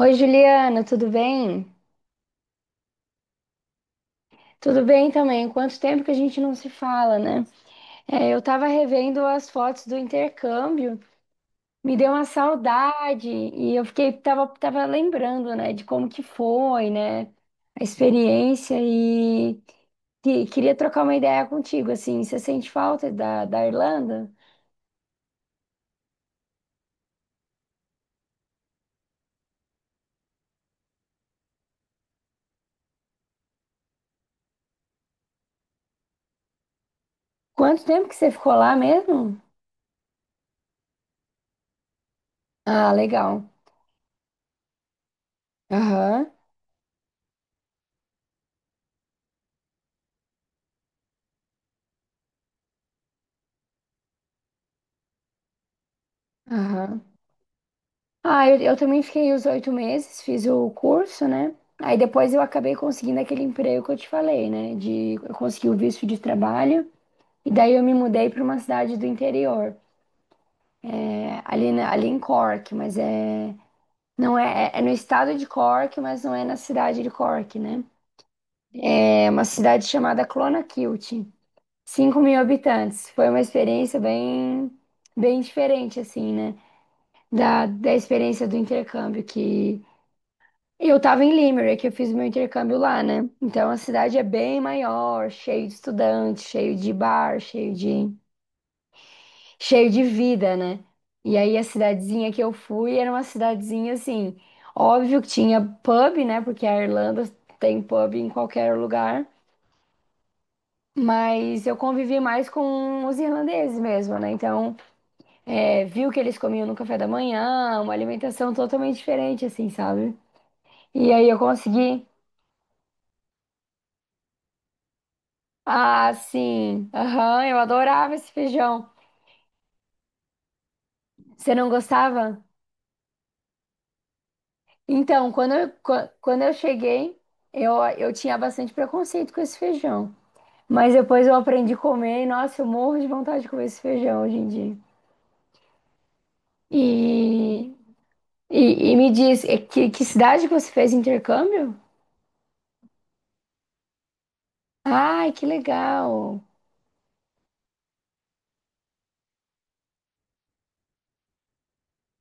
Oi, Juliana, tudo bem? Tudo bem também. Quanto tempo que a gente não se fala, né? É, eu tava revendo as fotos do intercâmbio, me deu uma saudade e eu fiquei, tava lembrando, né, de como que foi, né, a experiência e, queria trocar uma ideia contigo, assim, você sente falta da Irlanda? Quanto tempo que você ficou lá mesmo? Ah, legal. Aham, aham. Ah, eu também fiquei os 8 meses, fiz o curso, né? Aí depois eu acabei conseguindo aquele emprego que eu te falei, né? Eu consegui o visto de trabalho e daí eu me mudei para uma cidade do interior, é, ali, ali em Cork, mas é, não é, é no estado de Cork, mas não é na cidade de Cork, né? É uma cidade chamada Clonakilty, 5 mil habitantes. Foi uma experiência bem, bem diferente, assim, né? Da experiência do intercâmbio. Que Eu tava em Limerick, eu fiz meu intercâmbio lá, né? Então a cidade é bem maior, cheio de estudante, cheio de bar, cheio de vida, né? E aí a cidadezinha que eu fui era uma cidadezinha assim, óbvio que tinha pub, né? Porque a Irlanda tem pub em qualquer lugar. Mas eu convivi mais com os irlandeses mesmo, né? Então, é, vi o que eles comiam no café da manhã, uma alimentação totalmente diferente, assim, sabe? E aí eu consegui. Ah, sim. Aham, eu adorava esse feijão. Você não gostava? Então, quando eu cheguei, eu tinha bastante preconceito com esse feijão. Mas depois eu aprendi a comer e, nossa, eu morro de vontade de comer esse feijão hoje em dia. E, e me diz, que cidade que você fez intercâmbio? Ai, que legal.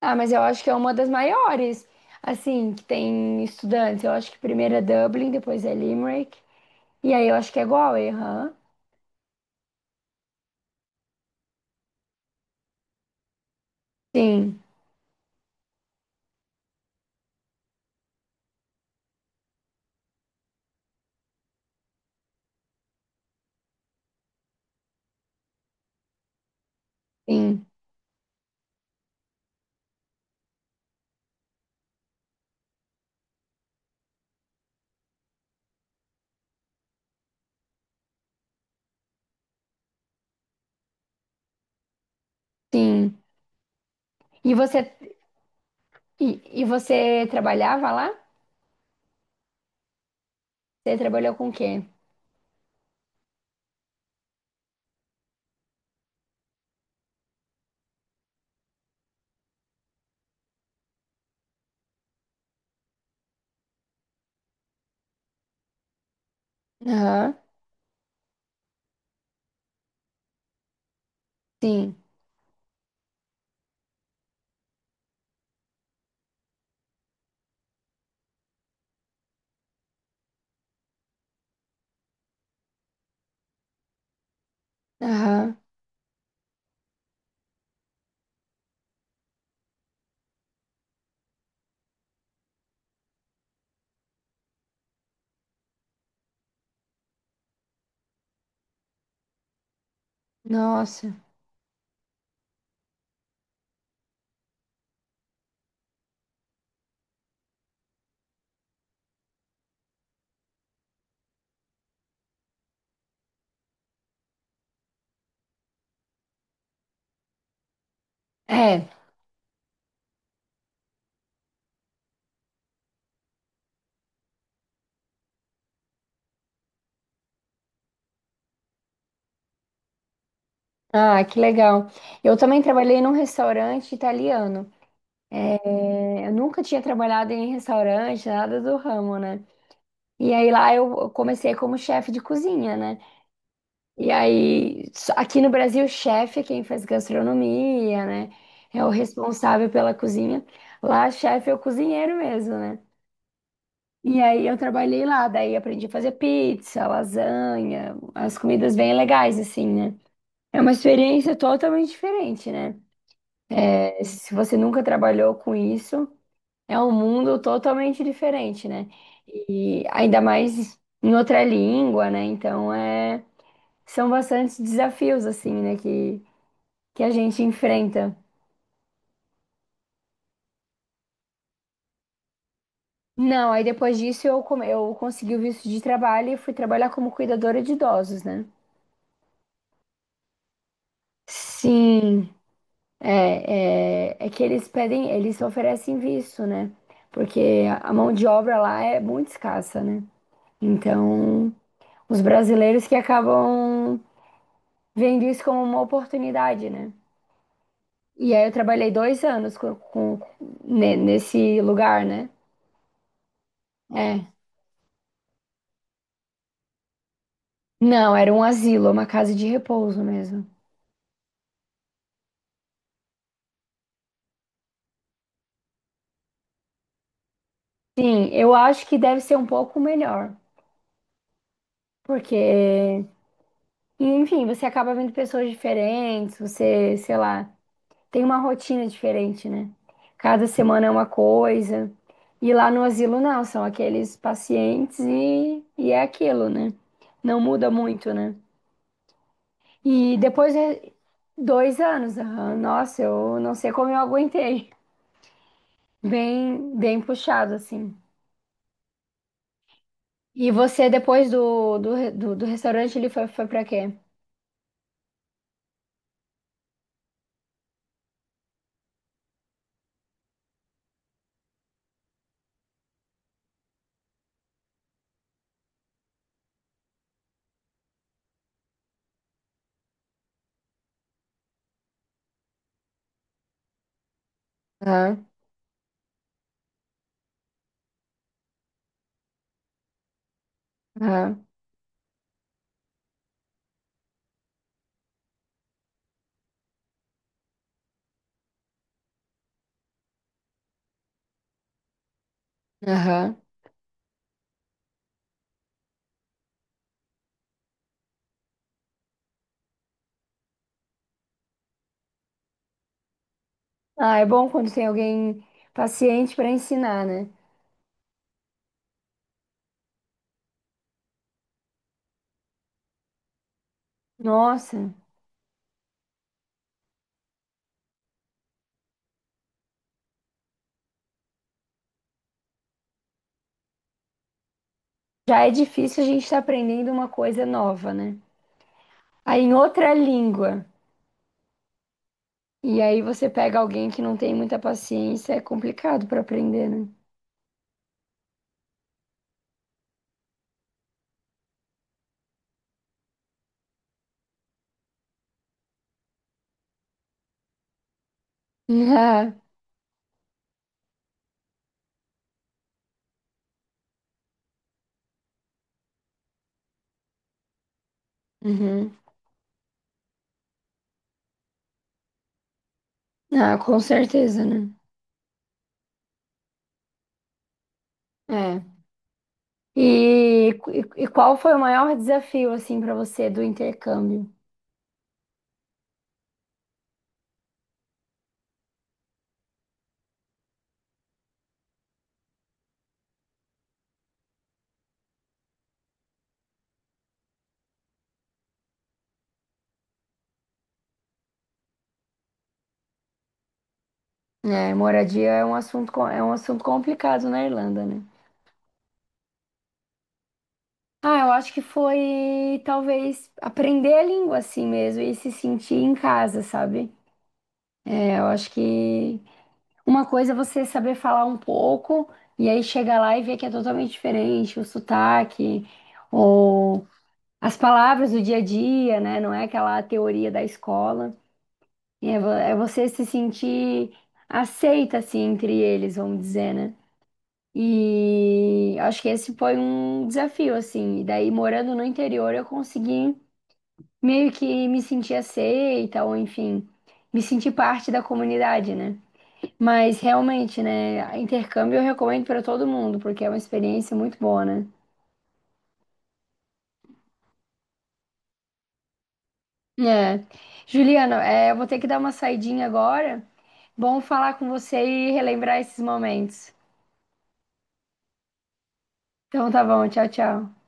Ah, mas eu acho que é uma das maiores, assim, que tem estudantes. Eu acho que primeiro é Dublin, depois é Limerick. E aí eu acho que é Galway, aham. Sim, sim, sim. E você, e você trabalhava lá? Você trabalhou com o quê? Aham, sim. Aham, nossa. É. Ah, que legal. Eu também trabalhei num restaurante italiano. É, eu nunca tinha trabalhado em restaurante, nada do ramo, né? E aí lá eu comecei como chefe de cozinha, né? E aí, aqui no Brasil, chefe é quem faz gastronomia, né? É o responsável pela cozinha. Lá, chefe é o cozinheiro mesmo, né? E aí eu trabalhei lá, daí aprendi a fazer pizza, lasanha, as comidas bem legais, assim, né? É uma experiência totalmente diferente, né? É, se você nunca trabalhou com isso, é um mundo totalmente diferente, né? E ainda mais em outra língua, né? Então é, são bastantes desafios, assim, né? Que a gente enfrenta. Não, aí depois disso eu, eu consegui o visto de trabalho e fui trabalhar como cuidadora de idosos, né? Sim. É, é que eles pedem, eles oferecem visto, né? Porque a mão de obra lá é muito escassa, né? Então, os brasileiros que acabam vendo isso como uma oportunidade, né? E aí eu trabalhei 2 anos nesse lugar, né? É. Não, era um asilo, uma casa de repouso mesmo. Sim, eu acho que deve ser um pouco melhor, porque, enfim, você acaba vendo pessoas diferentes, você, sei lá. Tem uma rotina diferente, né? Cada semana é uma coisa. E lá no asilo não, são aqueles pacientes e é aquilo, né? Não muda muito, né? E depois de 2 anos, aham, nossa, eu não sei como eu aguentei. Bem, bem puxado, assim. E você, depois do restaurante, ele foi pra quê? Aham, aham, aham. Ah, é bom quando tem alguém paciente pra ensinar, né? Nossa. Já é difícil a gente estar aprendendo uma coisa nova, né? Aí em outra língua. E aí você pega alguém que não tem muita paciência, é complicado para aprender, né? Ah, uhum. Ah, com certeza, né? É. E, e, e qual foi o maior desafio assim para você do intercâmbio? É, moradia é um assunto é um assunto complicado na Irlanda, né? Ah, eu acho que foi talvez aprender a língua assim mesmo e se sentir em casa, sabe? É, eu acho que uma coisa é você saber falar um pouco e aí chega lá e vê que é totalmente diferente o sotaque ou as palavras do dia a dia, né? Não é aquela teoria da escola. É é você se sentir aceita, assim, entre eles, vamos dizer, né? E acho que esse foi um desafio, assim. E daí, morando no interior, eu consegui meio que me sentir aceita ou, enfim, me sentir parte da comunidade, né? Mas realmente, né? Intercâmbio eu recomendo para todo mundo, porque é uma experiência muito boa, né? É. Juliana, é, eu vou ter que dar uma saidinha agora. Bom falar com você e relembrar esses momentos. Então tá bom, tchau, tchau.